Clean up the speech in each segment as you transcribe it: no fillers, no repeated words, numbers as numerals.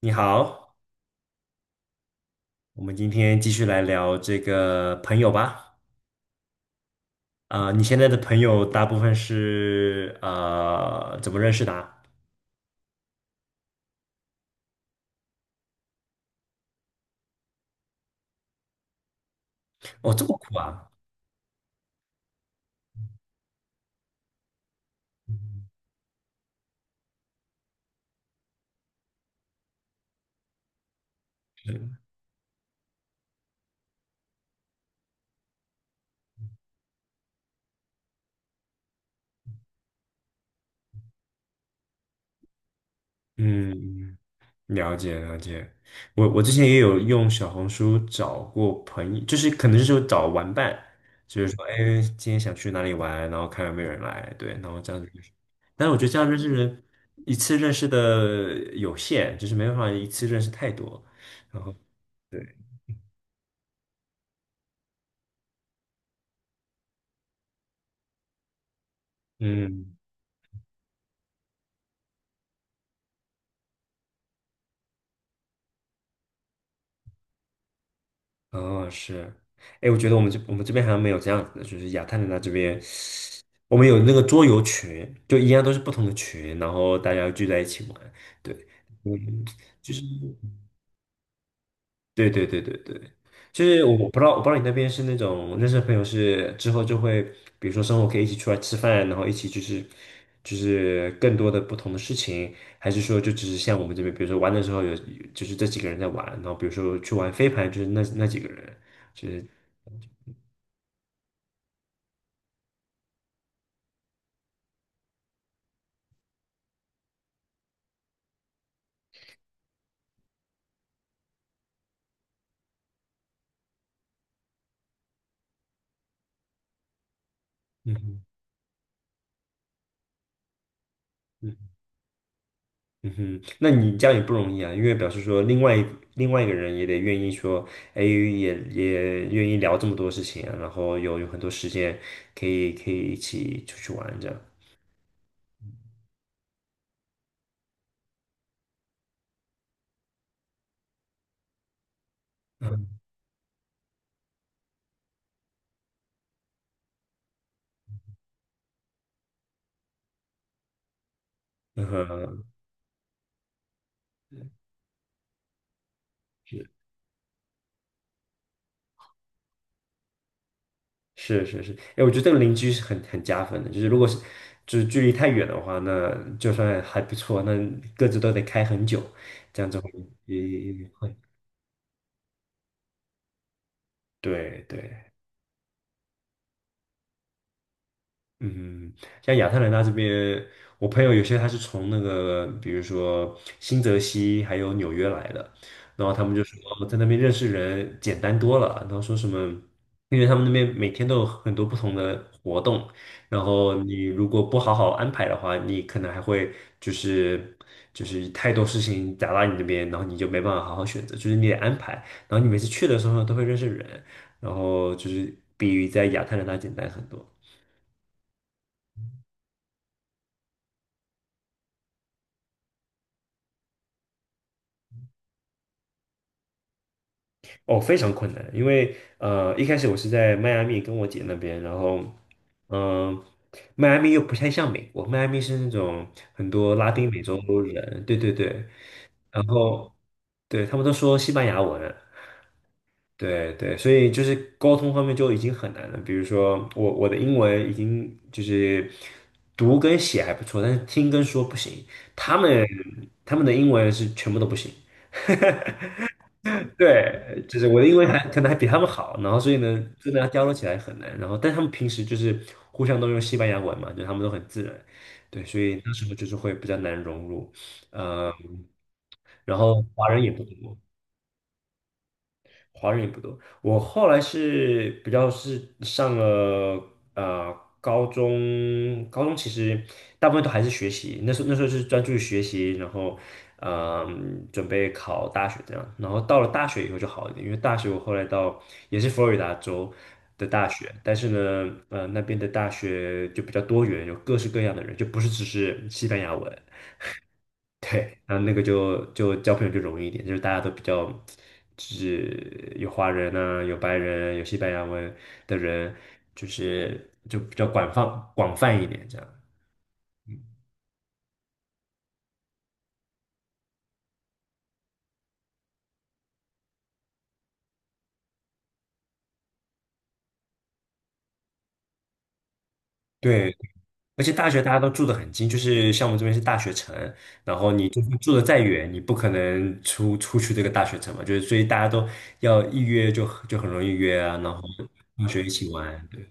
你好，我们今天继续来聊这个朋友吧。你现在的朋友大部分是怎么认识的啊？哦，这么酷啊！嗯，了解了解。我之前也有用小红书找过朋友，就是可能就是找玩伴，就是说，哎，今天想去哪里玩，然后看有没有人来，对，然后这样子认识。但是我觉得这样认识人，一次认识的有限，就是没办法一次认识太多。然后，对，嗯。哦，是，哎，我觉得我们这边好像没有这样子的，就是亚特兰大这边，我们有那个桌游群，就一样都是不同的群，然后大家聚在一起玩，对，嗯，就是，对对对对对，就是我不知道你那边是那种认识的朋友是之后就会，比如说生活可以一起出来吃饭，然后一起就是更多的不同的事情，还是说就只是像我们这边，比如说玩的时候有就是这几个人在玩，然后比如说去玩飞盘，就是那几个人，就是，嗯哼。嗯，嗯哼，那你这样也不容易啊，因为表示说另外一个人也得愿意说，哎，也愿意聊这么多事情啊，然后有很多时间可以一起出去玩这样。嗯哼，是是是是，哎，我觉得这个邻居是很加分的，就是如果是就是距离太远的话，那就算还不错，那各自都得开很久，这样子会，也会，对对。嗯，像亚特兰大这边，我朋友有些他是从那个，比如说新泽西还有纽约来的，然后他们就说在那边认识人简单多了，然后说什么，因为他们那边每天都有很多不同的活动，然后你如果不好好安排的话，你可能还会就是就是太多事情砸到你这边，然后你就没办法好好选择，就是你得安排，然后你每次去的时候都会认识人，然后就是比在亚特兰大简单很多。哦，非常困难，因为一开始我是在迈阿密跟我姐那边，然后，嗯、迈阿密又不太像美国，迈阿密是那种很多拉丁美洲人，对对对，然后对他们都说西班牙文，对对，所以就是沟通方面就已经很难了。比如说我的英文已经就是读跟写还不错，但是听跟说不行，他们的英文是全部都不行。对，就是我的英文还可能还比他们好，然后所以呢，真的要交流起来很难。然后，但他们平时就是互相都用西班牙文嘛，就他们都很自然，对，所以那时候就是会比较难融入。嗯，然后华人也不多，华人也不多。我后来是比较是上了呃高中，高中其实大部分都还是学习，那时候是专注于学习，然后准备考大学这样。然后到了大学以后就好一点，因为大学我后来到也是佛罗里达州的大学，但是呢，那边的大学就比较多元，有各式各样的人，就不是只是西班牙文。对，然后那个就交朋友就容易一点，就是大家都比较，就是有华人啊，有白人，有西班牙文的人，就是就比较广泛一点这样。嗯，对，而且大学大家都住得很近，就是像我们这边是大学城，就算住得再远，你不可能出去这个大学城嘛，就是所以大家都要一约就很容易约啊，然后同学一起玩，对，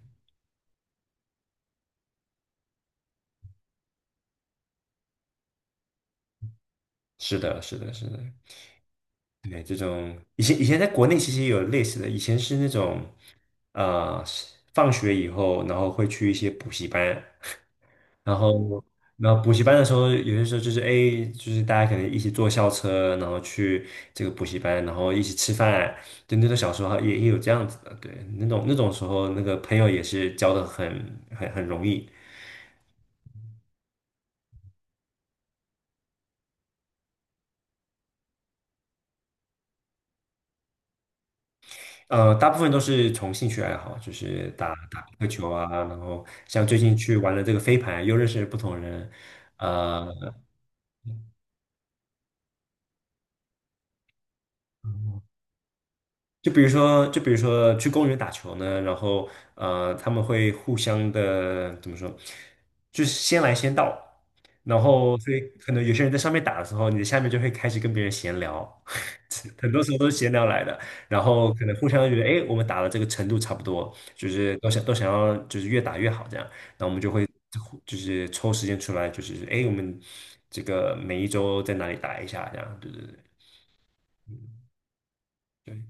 是的，是的，是的。对，这种以前在国内其实也有类似的，以前是那种，是放学以后，然后会去一些补习班，然后然后补习班的时候，有些时候就是，哎，就是大家可能一起坐校车，然后去这个补习班，然后一起吃饭，就那种小时候也有这样子的，对，那种时候那个朋友也是交的很容易，大部分都是从兴趣爱好，就是打打个球啊，然后像最近去玩了这个飞盘，又认识了不同人，呃，就比如说去公园打球呢，然后他们会互相的怎么说，就是先来先到，然后所以可能有些人在上面打的时候，你在下面就会开始跟别人闲聊，很多时候都是闲聊来的，然后可能互相觉得，哎，我们打的这个程度差不多，就是都想要就是越打越好这样，那我们就会就是抽时间出来，就是，哎，我们这个每一周在哪里打一下这样，对对对，嗯，对，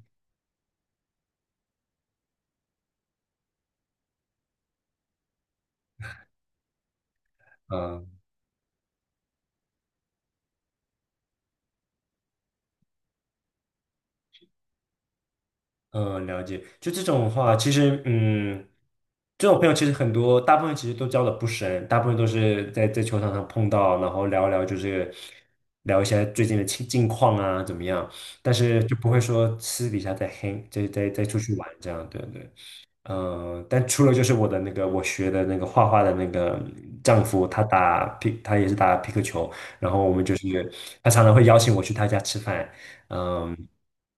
嗯。嗯，了解。就这种的话，其实，这种朋友其实很多，大部分其实都交的不深，大部分都是在球场上碰到，然后聊一聊，就是聊一下最近的近况啊，怎么样？但是就不会说私底下再黑，a n g 再出去玩这样，对对。但除了就是我学的那个画画的那个丈夫，他也是打皮克球，然后我们就是他常常会邀请我去他家吃饭，嗯。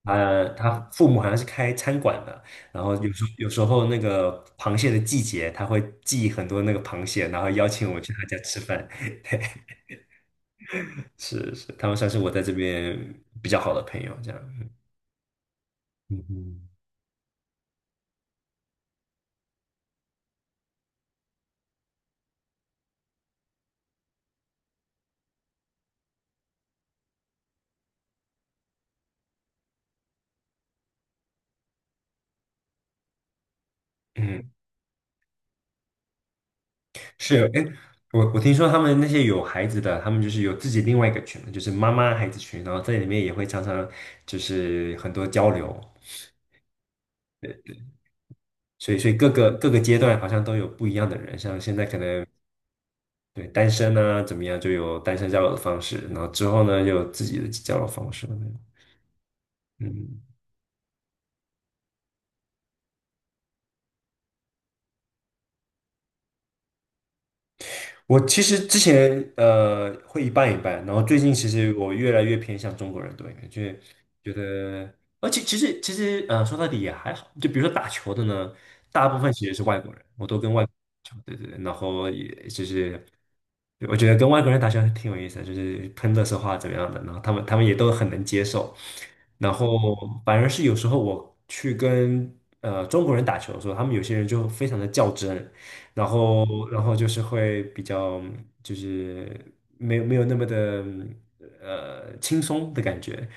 他父母好像是开餐馆的，然后有时候那个螃蟹的季节，他会寄很多那个螃蟹，然后邀请我去他家吃饭。是是，他们算是我在这边比较好的朋友，这样。嗯嗯嗯，是，哎，我听说他们那些有孩子的，他们就是有自己另外一个群，就是妈妈孩子群，然后在里面也会常常就是很多交流，所以各个阶段好像都有不一样的人，像现在可能，对，单身呢、怎么样，就有单身交友的方式，然后之后呢，又有自己的交友方式了。嗯，我其实之前会一半一半，然后最近其实我越来越偏向中国人多一点，就是觉得，而且其实说到底也还好，就比如说打球的呢，大部分其实是外国人，我都跟外国人打球，对对对，然后也就是我觉得跟外国人打球还挺有意思的，就是喷的是话怎么样的，然后他们也都很能接受，然后反而是有时候我去跟中国人打球的时候，他们有些人就非常的较真，然后就是会比较，就是没有那么的轻松的感觉，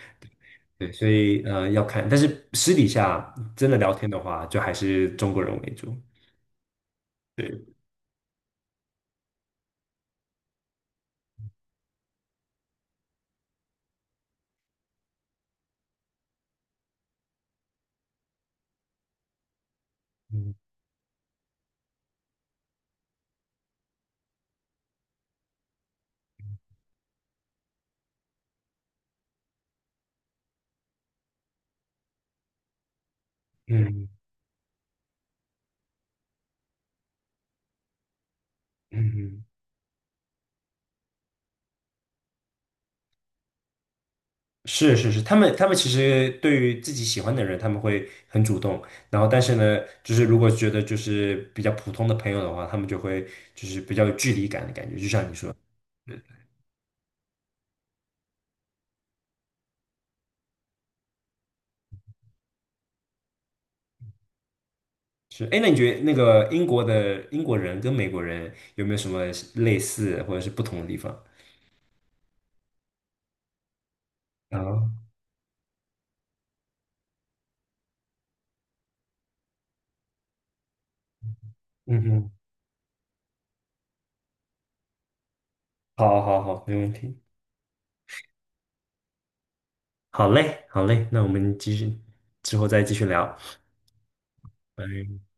对，所以要看，但是私底下真的聊天的话，就还是中国人为主，对，嗯嗯嗯。嗯，是是是，他们其实对于自己喜欢的人，他们会很主动。然后，但是呢，就是如果觉得就是比较普通的朋友的话，他们就会就是比较有距离感的感觉，就像你说的。是，哎，那你觉得那个英国的英国人跟美国人有没有什么类似或者是不同的地方？啊，嗯哼，好，好，好，没问题，好嘞，好嘞，那我们继续，之后再继续聊，拜。